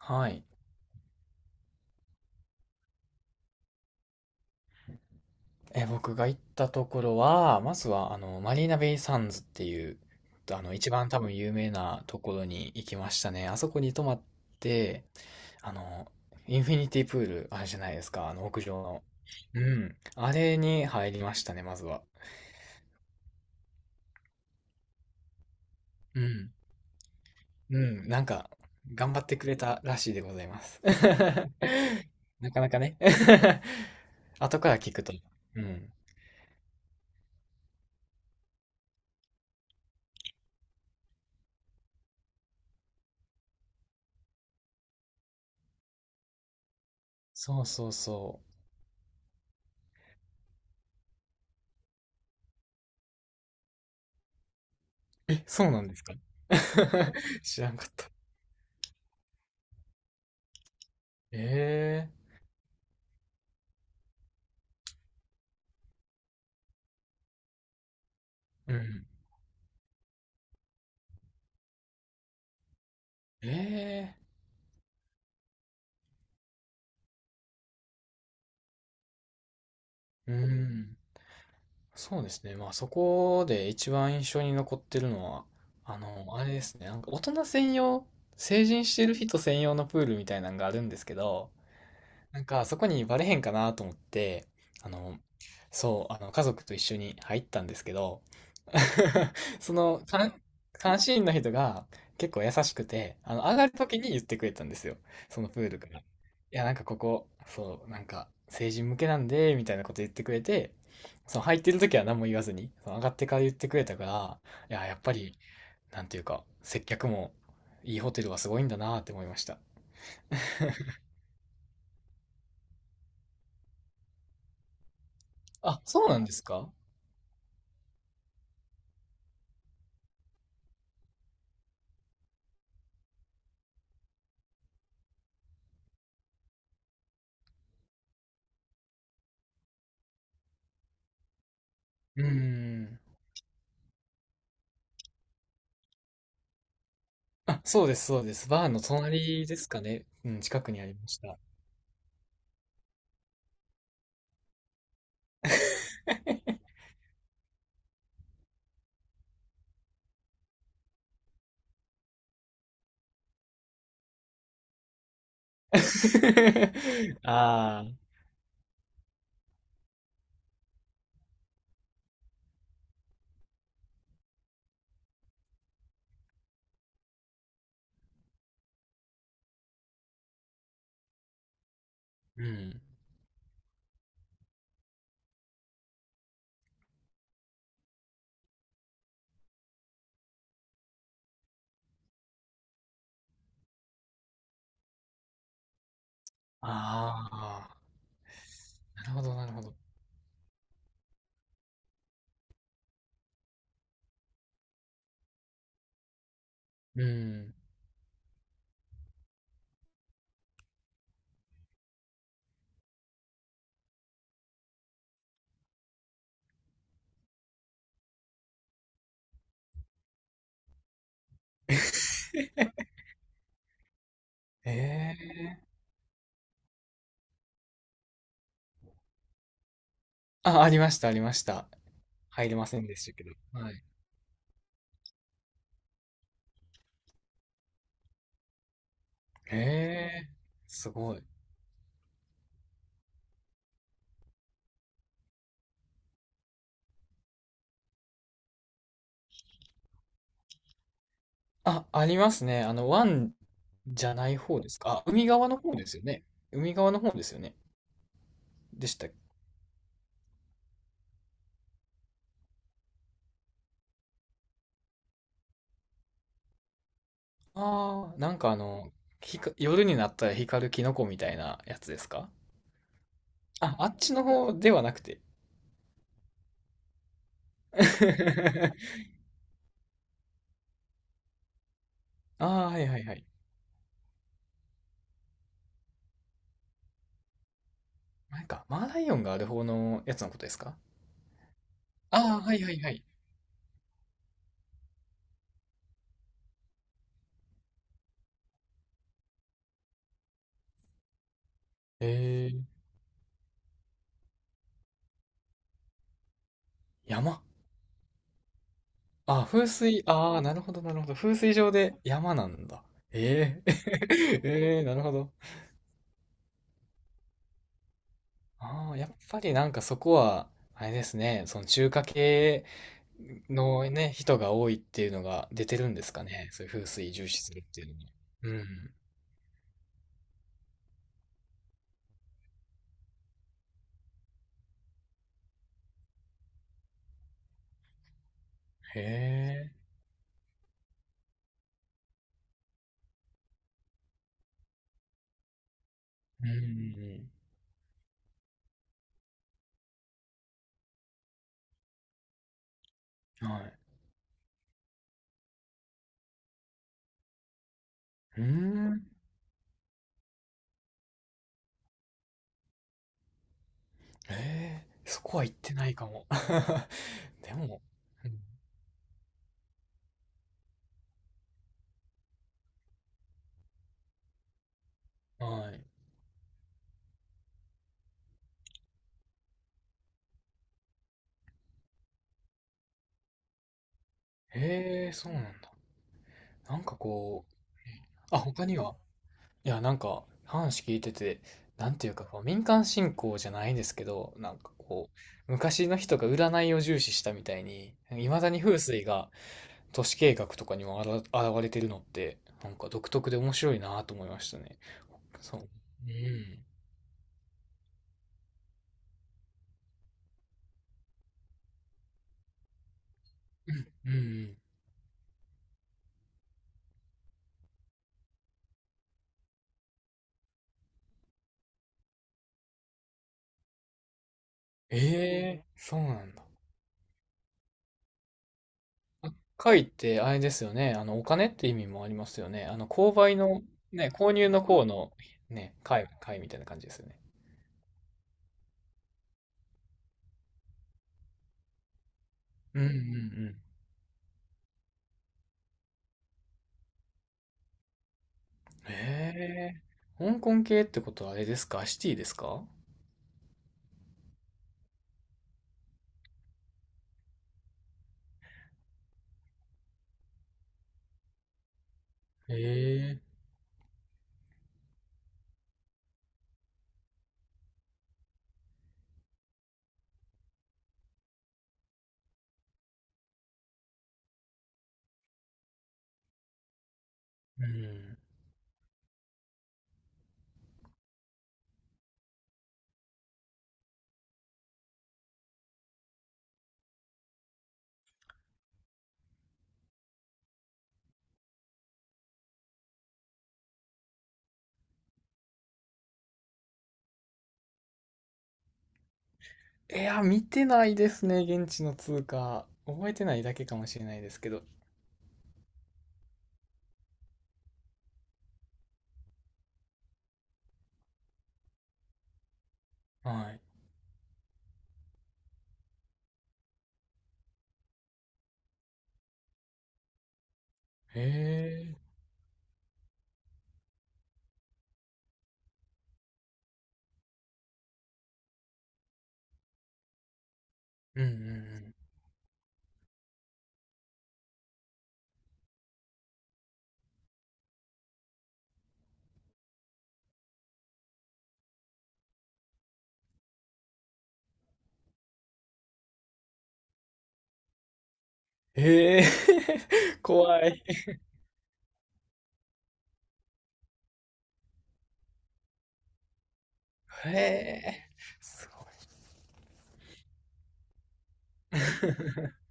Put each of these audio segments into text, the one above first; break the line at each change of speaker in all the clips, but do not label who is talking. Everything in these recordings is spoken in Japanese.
はい。僕が行ったところは、まずは、マリーナベイサンズっていう、一番多分有名なところに行きましたね。あそこに泊まって、あの、インフィニティプール、あれじゃないですか、屋上の。うん。あれに入りましたね、まずは。うん。うん。なんか、頑張ってくれたらしいでございます。なかなかね 後から聞くと。うん。そうそうそう。そうなんですか？ 知らんかった。ええ、うん。ええ、うん。そうですね。まあそこで一番印象に残ってるのは、あれですね。なんか大人専用、成人してる人専用のプールみたいなのがあるんですけど、なんか、そこにバレへんかなと思って、あの、家族と一緒に入ったんですけど、その、監視員の人が結構優しくて、上がる時に言ってくれたんですよ。そのプールから。いや、なんかここ、そう、なんか、成人向けなんで、みたいなこと言ってくれて、その入ってる時は何も言わずに、その上がってから言ってくれたから、いや、やっぱり、なんていうか、接客も、いいホテルはすごいんだなって思いました。あ、そうなんですか？うーん。あ、そうです、そうです。バーの隣ですかね。うん、近くにありました。ああ、うん。ああ、なるほど、なるほど。うん。ええ、あ、ありました、ありました。入れませんでしたけど。はい。ええ、すごい。あ、ありますね。湾じゃない方ですか。あ、海側の方ですよね。海側の方ですよね。でしたっけ？ああ、なんかあの、夜になったら光るキノコみたいなやつですか？あ、あっちの方ではなくて。ああ、はいはいはい。なんか、マーライオンがある方のやつのことですか？ああー、はいはいはい。えー、山。あー、風水、ああ、なるほどなるほど。風水上で山なんだ。ええー、えー、なるほど。ああ、やっぱりなんかそこは、あれですね、その中華系のね、人が多いっていうのが出てるんですかね。そういう風水重視するっていうのに。うん。へえ。うんうんうん。はい。うーん。へえ。そこは行ってないかも。でも、うん。はい。へえ、そうなんだ。なんかこう、ね。あ、他には、いや、なんか話聞いてて、なんていうかこう、民間信仰じゃないですけど、なんかこう、昔の人が占いを重視したみたいに、いまだに風水が、都市計画とかにも現れてるのって、なんか独特で面白いなと思いましたね。そう。うん。うん。うんうん。ええ、そうなんだ。赤いってあれですよね。あの、お金って意味もありますよね。あの、購買の、ね、購入の方の、ね、買貝みたいな感じですよね。うんうんうん。ええ、香港系ってことはあれですか？シティですか？ええ、うん。いや、見てないですね。現地の通貨。覚えてないだけかもしれないですけど。はい。へえ。うんうんうん。へえ。怖い。へえ。そう。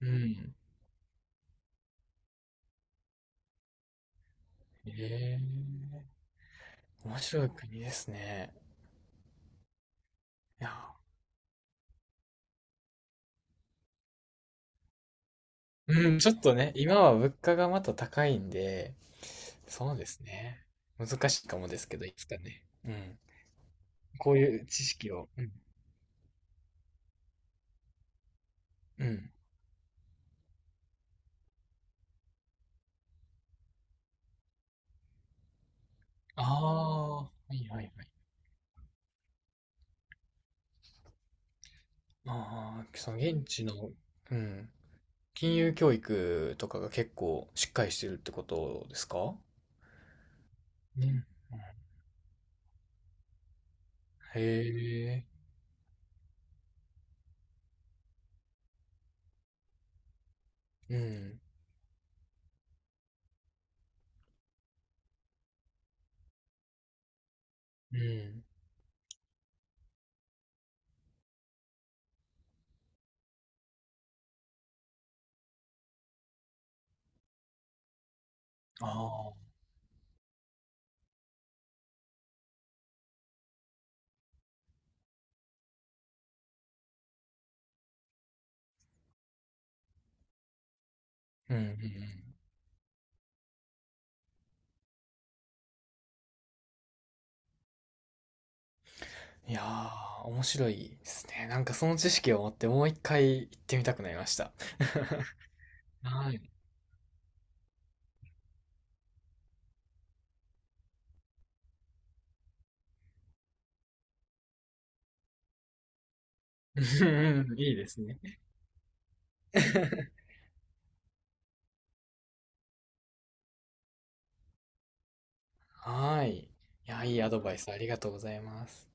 うん。へえ。面白い国ですね。いや、うん、ちょっとね、今は物価がまた高いんで、そうですね。難しいかもですけど、いつかね。うん。こういう知識を。うん。うん。ああ、はいはいはい。ああ、その現地の、うん。金融教育とかが結構しっかりしてるってことですか？うん。へえ、うん、うん。ああ、うんうんうん。いやー、面白いですね。なんかその知識を持ってもう一回行ってみたくなりました。はい。うんうん、いいですね。はい。いや、いいアドバイスありがとうございます。